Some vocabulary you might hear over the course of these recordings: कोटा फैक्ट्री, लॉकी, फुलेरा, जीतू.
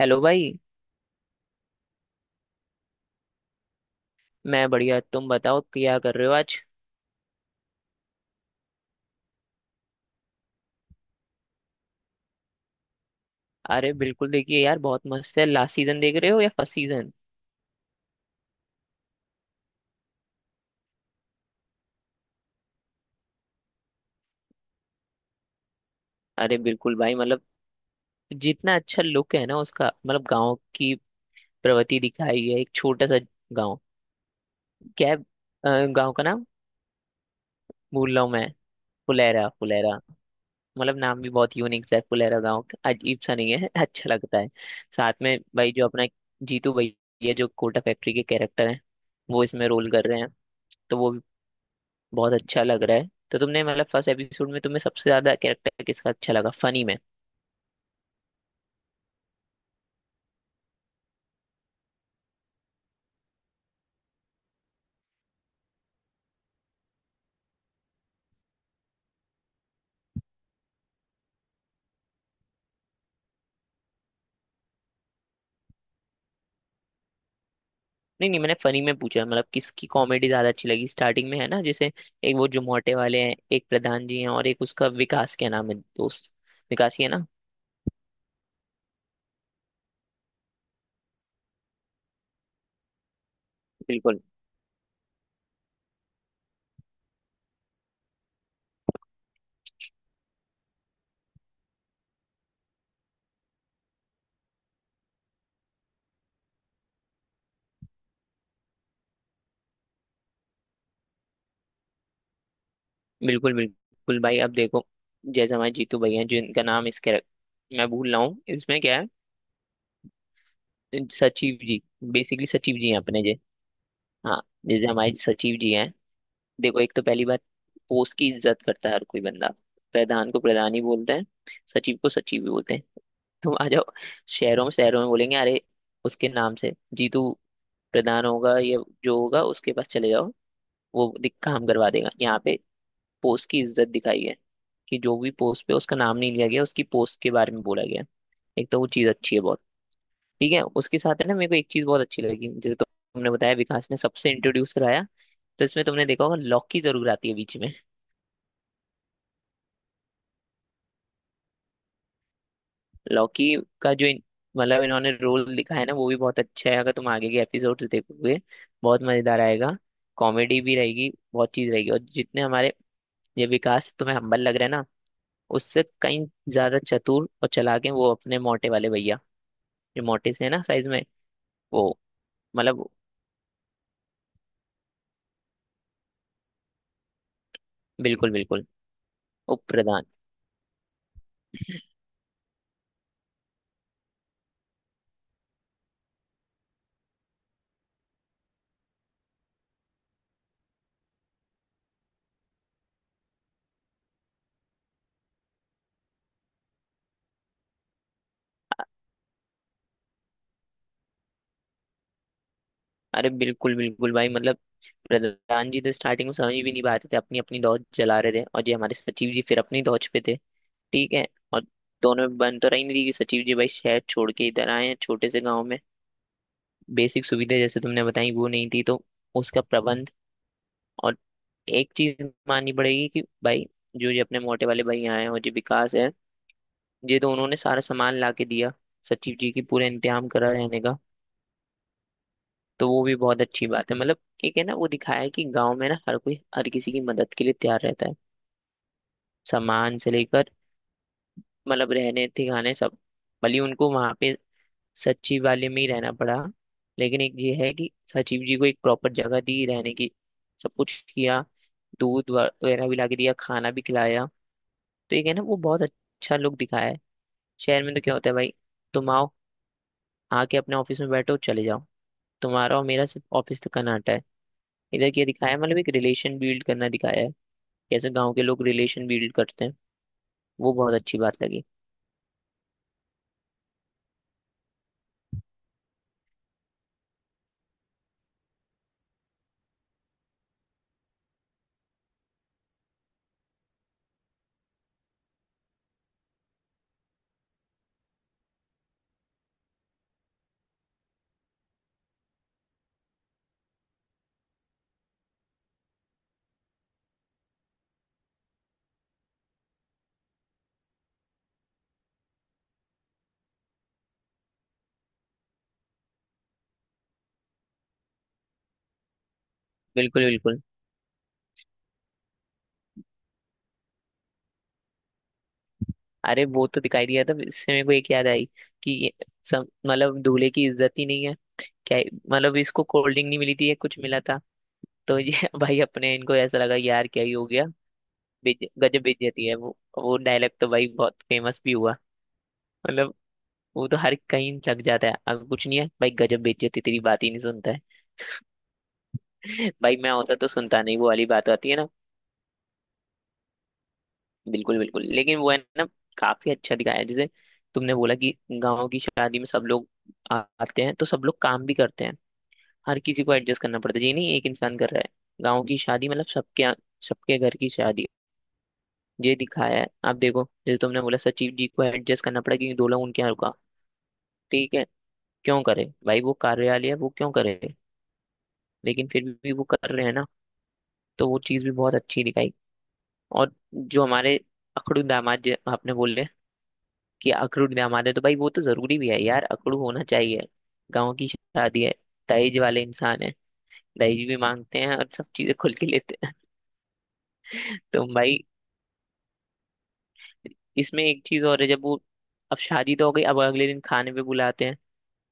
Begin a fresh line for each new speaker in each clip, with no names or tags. Hello भाई। मैं बढ़िया तुम बताओ क्या कर रहे हो आज। अरे बिल्कुल देखिए यार बहुत मस्त है। लास्ट सीजन देख रहे हो या फर्स्ट सीजन? अरे बिल्कुल भाई मतलब जितना अच्छा लुक है ना उसका मतलब गांव की प्रवृत्ति दिखाई है। एक छोटा सा गांव। क्या है, गांव का नाम भूल रहा हूँ मैं। फुलेरा फुलेरा। मतलब नाम भी बहुत यूनिक सा है फुलेरा गांव का। अजीब सा नहीं है अच्छा लगता है। साथ में भाई जो अपना जीतू भैया जो कोटा फैक्ट्री के कैरेक्टर हैं वो इसमें रोल कर रहे हैं। तो वो भी बहुत अच्छा लग रहा है। तो तुमने मतलब फर्स्ट एपिसोड में तुम्हें सबसे ज्यादा कैरेक्टर किसका अच्छा लगा फनी में? नहीं नहीं, मैंने फनी में पूछा। मतलब किसकी कॉमेडी ज्यादा अच्छी लगी स्टार्टिंग में, है ना? जैसे एक वो जुमोटे वाले हैं, एक प्रधान जी हैं, और एक उसका विकास, क्या नाम है दोस्त? विकास ही है ना? बिल्कुल बिल्कुल बिल्कुल भाई अब देखो। जैसे हमारे जीतू भैया हैं जिनका नाम इस कैरेक्टर मैं भूल रहा हूँ। इसमें क्या है, सचिव जी। बेसिकली सचिव जी हैं अपने जे हाँ, जैसे हमारे सचिव जी हैं। देखो, एक तो पहली बात, पोस्ट की इज्जत करता है हर कोई बंदा। प्रधान को प्रधान ही बोलते हैं, सचिव को सचिव ही बोलते हैं। तुम आ जाओ शहरों में बोलेंगे अरे उसके नाम से। जीतू, प्रधान होगा या जो होगा उसके पास चले जाओ वो काम करवा देगा यहाँ पे। पोस्ट की इज्जत दिखाई है कि जो भी पोस्ट पे, उसका नाम नहीं लिया गया, उसकी पोस्ट के बारे में बोला गया। एक तो वो चीज अच्छी है बहुत। ठीक है, उसके साथ है ना मेरे को एक चीज बहुत अच्छी लगी। जैसे तुमने बताया विकास ने सबसे इंट्रोड्यूस कराया। तो इसमें तुमने देखा होगा लॉकी जरूर आती है बीच में। लॉकी का जो मतलब इन्होंने रोल लिखा है ना वो भी बहुत अच्छा है। अगर तुम आगे के एपिसोड्स देखोगे बहुत मजेदार आएगा। कॉमेडी भी रहेगी, बहुत चीज रहेगी। और जितने हमारे ये विकास तुम्हें हम्बल लग रहा है ना उससे कहीं ज्यादा चतुर और चालाक है वो अपने मोटे वाले भैया, जो मोटे से है ना साइज में वो, मतलब। बिल्कुल बिल्कुल। उप प्रधान। अ- अरे बिल्कुल बिल्कुल भाई मतलब, प्रधान जी तो स्टार्टिंग में समझ भी नहीं पाते थे, अपनी अपनी दौड़ चला रहे थे, और ये हमारे सचिव जी फिर अपनी दौड़ पे थे, ठीक है। और दोनों में बन तो रही नहीं, रही कि सचिव जी भाई शहर छोड़ के इधर आए हैं छोटे से गांव में। बेसिक सुविधा जैसे तुमने बताई वो नहीं थी तो उसका प्रबंध। और एक चीज माननी पड़ेगी कि भाई, जो ये अपने मोटे वाले भैया हैं और जो विकास है, ये तो उन्होंने सारा सामान ला के दिया, सचिव जी की पूरा इंतजाम करा रहने का। तो वो भी बहुत अच्छी बात है मतलब। एक है ना, वो दिखाया है कि गांव में ना हर कोई हर किसी की मदद के लिए तैयार रहता है। सामान से लेकर मतलब रहने ठिकाने सब। भले ही उनको वहां पे सचिव वाले में ही रहना पड़ा, लेकिन एक ये है कि सचिव जी को एक प्रॉपर जगह दी रहने की। सब कुछ किया, दूध वगैरह भी ला के दिया, खाना भी खिलाया। तो ये है ना, वो बहुत अच्छा लुक दिखाया है। शहर में तो क्या होता है भाई? तुम आओ, आके अपने ऑफिस में बैठो, चले जाओ। तुम्हारा और मेरा सिर्फ ऑफिस का नाटा है। इधर क्या दिखाया है? मतलब एक रिलेशन बिल्ड करना दिखाया है, कैसे गाँव के लोग रिलेशन बिल्ड करते हैं। वो बहुत अच्छी बात लगी। बिल्कुल बिल्कुल। अरे वो तो दिखाई दिया था, इससे मेरे को एक याद आई कि ये सब मतलब दूल्हे की इज्जत ही नहीं है क्या? मतलब इसको कोल्ड ड्रिंक नहीं मिली थी या कुछ मिला था। तो ये भाई अपने इनको ऐसा लगा यार क्या ही हो गया। गजब बेइज्जती है। वो डायलॉग तो भाई बहुत फेमस भी हुआ। मतलब वो तो हर कहीं लग जाता है। अगर कुछ नहीं है भाई, गजब बेइज्जती, तेरी बात ही नहीं सुनता है। भाई मैं होता तो सुनता नहीं, वो वाली बात आती है ना। बिल्कुल बिल्कुल लेकिन वो है ना, काफी अच्छा दिखाया है। जैसे तुमने बोला कि गाँव की शादी में सब लोग आते हैं, तो सब लोग काम भी करते हैं। हर किसी को एडजस्ट करना पड़ता है, ये नहीं एक इंसान कर रहा है। गाँव की शादी मतलब सबके घर की शादी, ये दिखाया है। आप देखो जैसे तुमने बोला, सचिव जी को एडजस्ट करना पड़ा क्योंकि दो लोग उनके यहाँ रुका, ठीक है। क्यों करे भाई, वो कार्यालय है, वो क्यों करे? लेकिन फिर भी वो कर रहे हैं ना। तो वो चीज़ भी बहुत अच्छी दिखाई। और जो हमारे अखड़ू दामाद, आपने बोले कि अखड़ू दामाद है, तो भाई वो तो जरूरी भी है यार। अखड़ू होना चाहिए, गाँव की शादी है। दहेज वाले इंसान है, दहेज भी मांगते हैं और सब चीजें खुल के लेते हैं। तो भाई इसमें एक चीज और है, जब वो, अब शादी तो हो गई, अब अगले दिन खाने पे बुलाते हैं,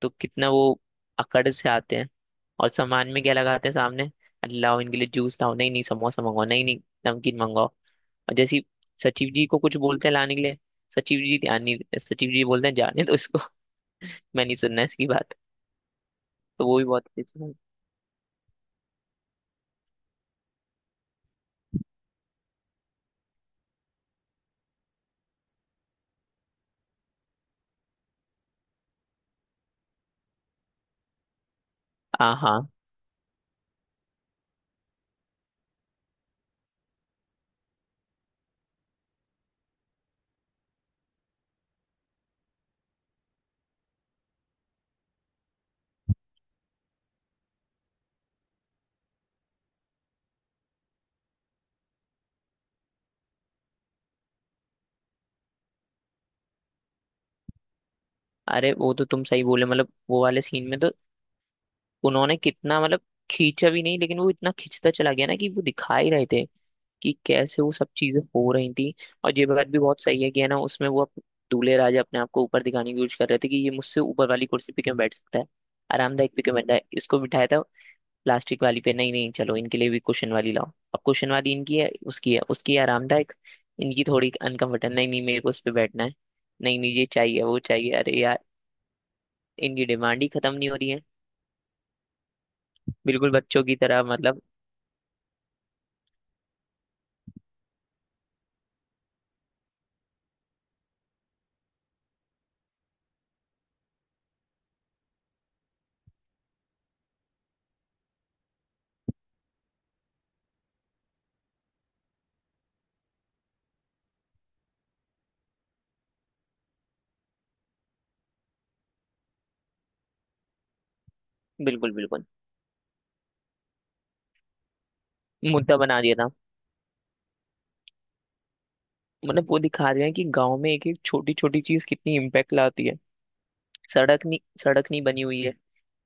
तो कितना वो अकड़ से आते हैं। और सामान में क्या लगाते हैं सामने, लाओ इनके लिए जूस लाओ, नहीं नहीं समोसा मंगाओ, नहीं नहीं नमकीन मंगाओ। और जैसे ही सचिव जी को कुछ बोलते हैं लाने के लिए, सचिव जी ध्यान नहीं, सचिव जी बोलते हैं जाने तो इसको। मैं नहीं सुनना इसकी बात। तो वो भी बहुत अच्छी। हाँ हाँ, अरे वो तो तुम सही बोले। मतलब वो वाले सीन में तो उन्होंने कितना मतलब खींचा भी नहीं, लेकिन वो इतना खींचता चला गया ना, कि वो दिखा ही रहे थे कि कैसे वो सब चीजें हो रही थी। और ये बात भी बहुत सही है कि है ना, उसमें वो दूल्हे राजा अपने आप को ऊपर दिखाने की कोशिश कर रहे थे कि ये मुझसे ऊपर वाली कुर्सी पे क्यों बैठ सकता है? आरामदायक पे क्यों बैठा है? इसको बिठाया था प्लास्टिक वाली पे, नहीं नहीं चलो इनके लिए भी कुशन वाली लाओ। अब कुशन वाली, इनकी है, उसकी है, उसकी है, आरामदायक। इनकी थोड़ी अनकंफर्टेबल, नहीं नहीं मेरे को उस पे बैठना है। नहीं नहीं ये चाहिए वो चाहिए, अरे यार इनकी डिमांड ही खत्म नहीं हो रही है। बिल्कुल बच्चों की तरह मतलब। बिल्कुल बिल्कुल मुद्दा बना दिया था। मतलब वो दिखा रहे हैं कि गांव में एक एक छोटी छोटी चीज कितनी इम्पैक्ट लाती है। सड़क नहीं, सड़क नहीं बनी हुई है,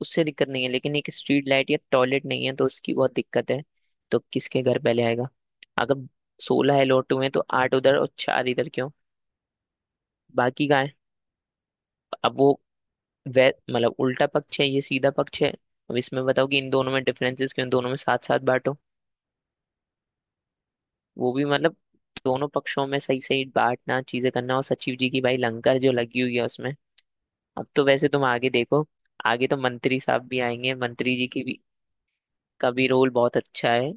उससे दिक्कत नहीं है, लेकिन एक स्ट्रीट लाइट या टॉयलेट नहीं है तो उसकी बहुत दिक्कत है। तो किसके घर पहले आएगा? अगर 16 है लोट हुए हैं, तो आठ उधर और चार इधर क्यों? बाकी कहाँ है? अब वो, वे मतलब उल्टा पक्ष है, ये सीधा पक्ष है, अब इसमें बताओ कि इन दोनों में डिफरेंसेस क्यों? दोनों में साथ साथ बांटो। वो भी मतलब दोनों पक्षों में सही सही बांटना, चीजें करना। और सचिव जी की भाई लंगर जो लगी हुई है उसमें। अब तो वैसे तुम आगे देखो। आगे तो मंत्री साहब भी आएंगे, मंत्री जी की भी, का भी रोल बहुत अच्छा है,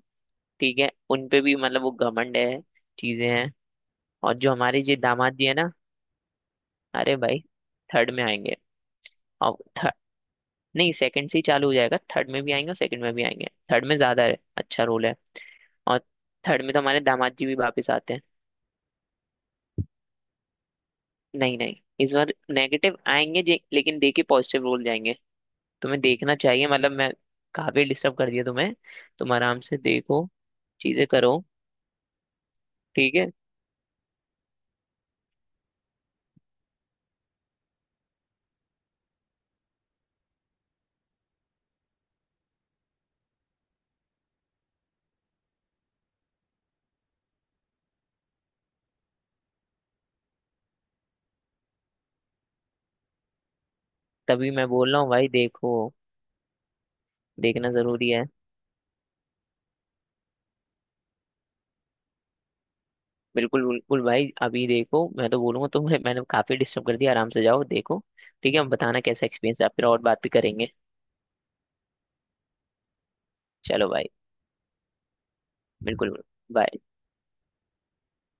ठीक है। उन पे भी मतलब वो घमंड है, चीजें हैं। और जो हमारे ये दामाद जी है ना, अरे भाई थर्ड में आएंगे। और थर्ड, नहीं, सेकंड से ही चालू हो जाएगा। थर्ड में भी आएंगे और सेकंड में भी आएंगे, थर्ड में ज्यादा है, अच्छा रोल है। और थर्ड में तो हमारे दामाद जी भी वापस आते हैं। नहीं नहीं, इस बार नेगेटिव आएंगे लेकिन देके पॉजिटिव रोल जाएंगे। तुम्हें देखना चाहिए मतलब। मैं काफी डिस्टर्ब कर दिया तुम्हें, तुम आराम से देखो, चीजें करो, ठीक है। तभी मैं बोल रहा हूँ भाई, देखो, देखना जरूरी है। बिल्कुल बिल्कुल भाई अभी देखो। मैं तो बोलूंगा तुम्हें, मैंने काफी डिस्टर्ब कर दिया, आराम से जाओ देखो, ठीक है। हम बताना कैसा एक्सपीरियंस है फिर और बात भी करेंगे। चलो भाई, बिल्कुल। बाय।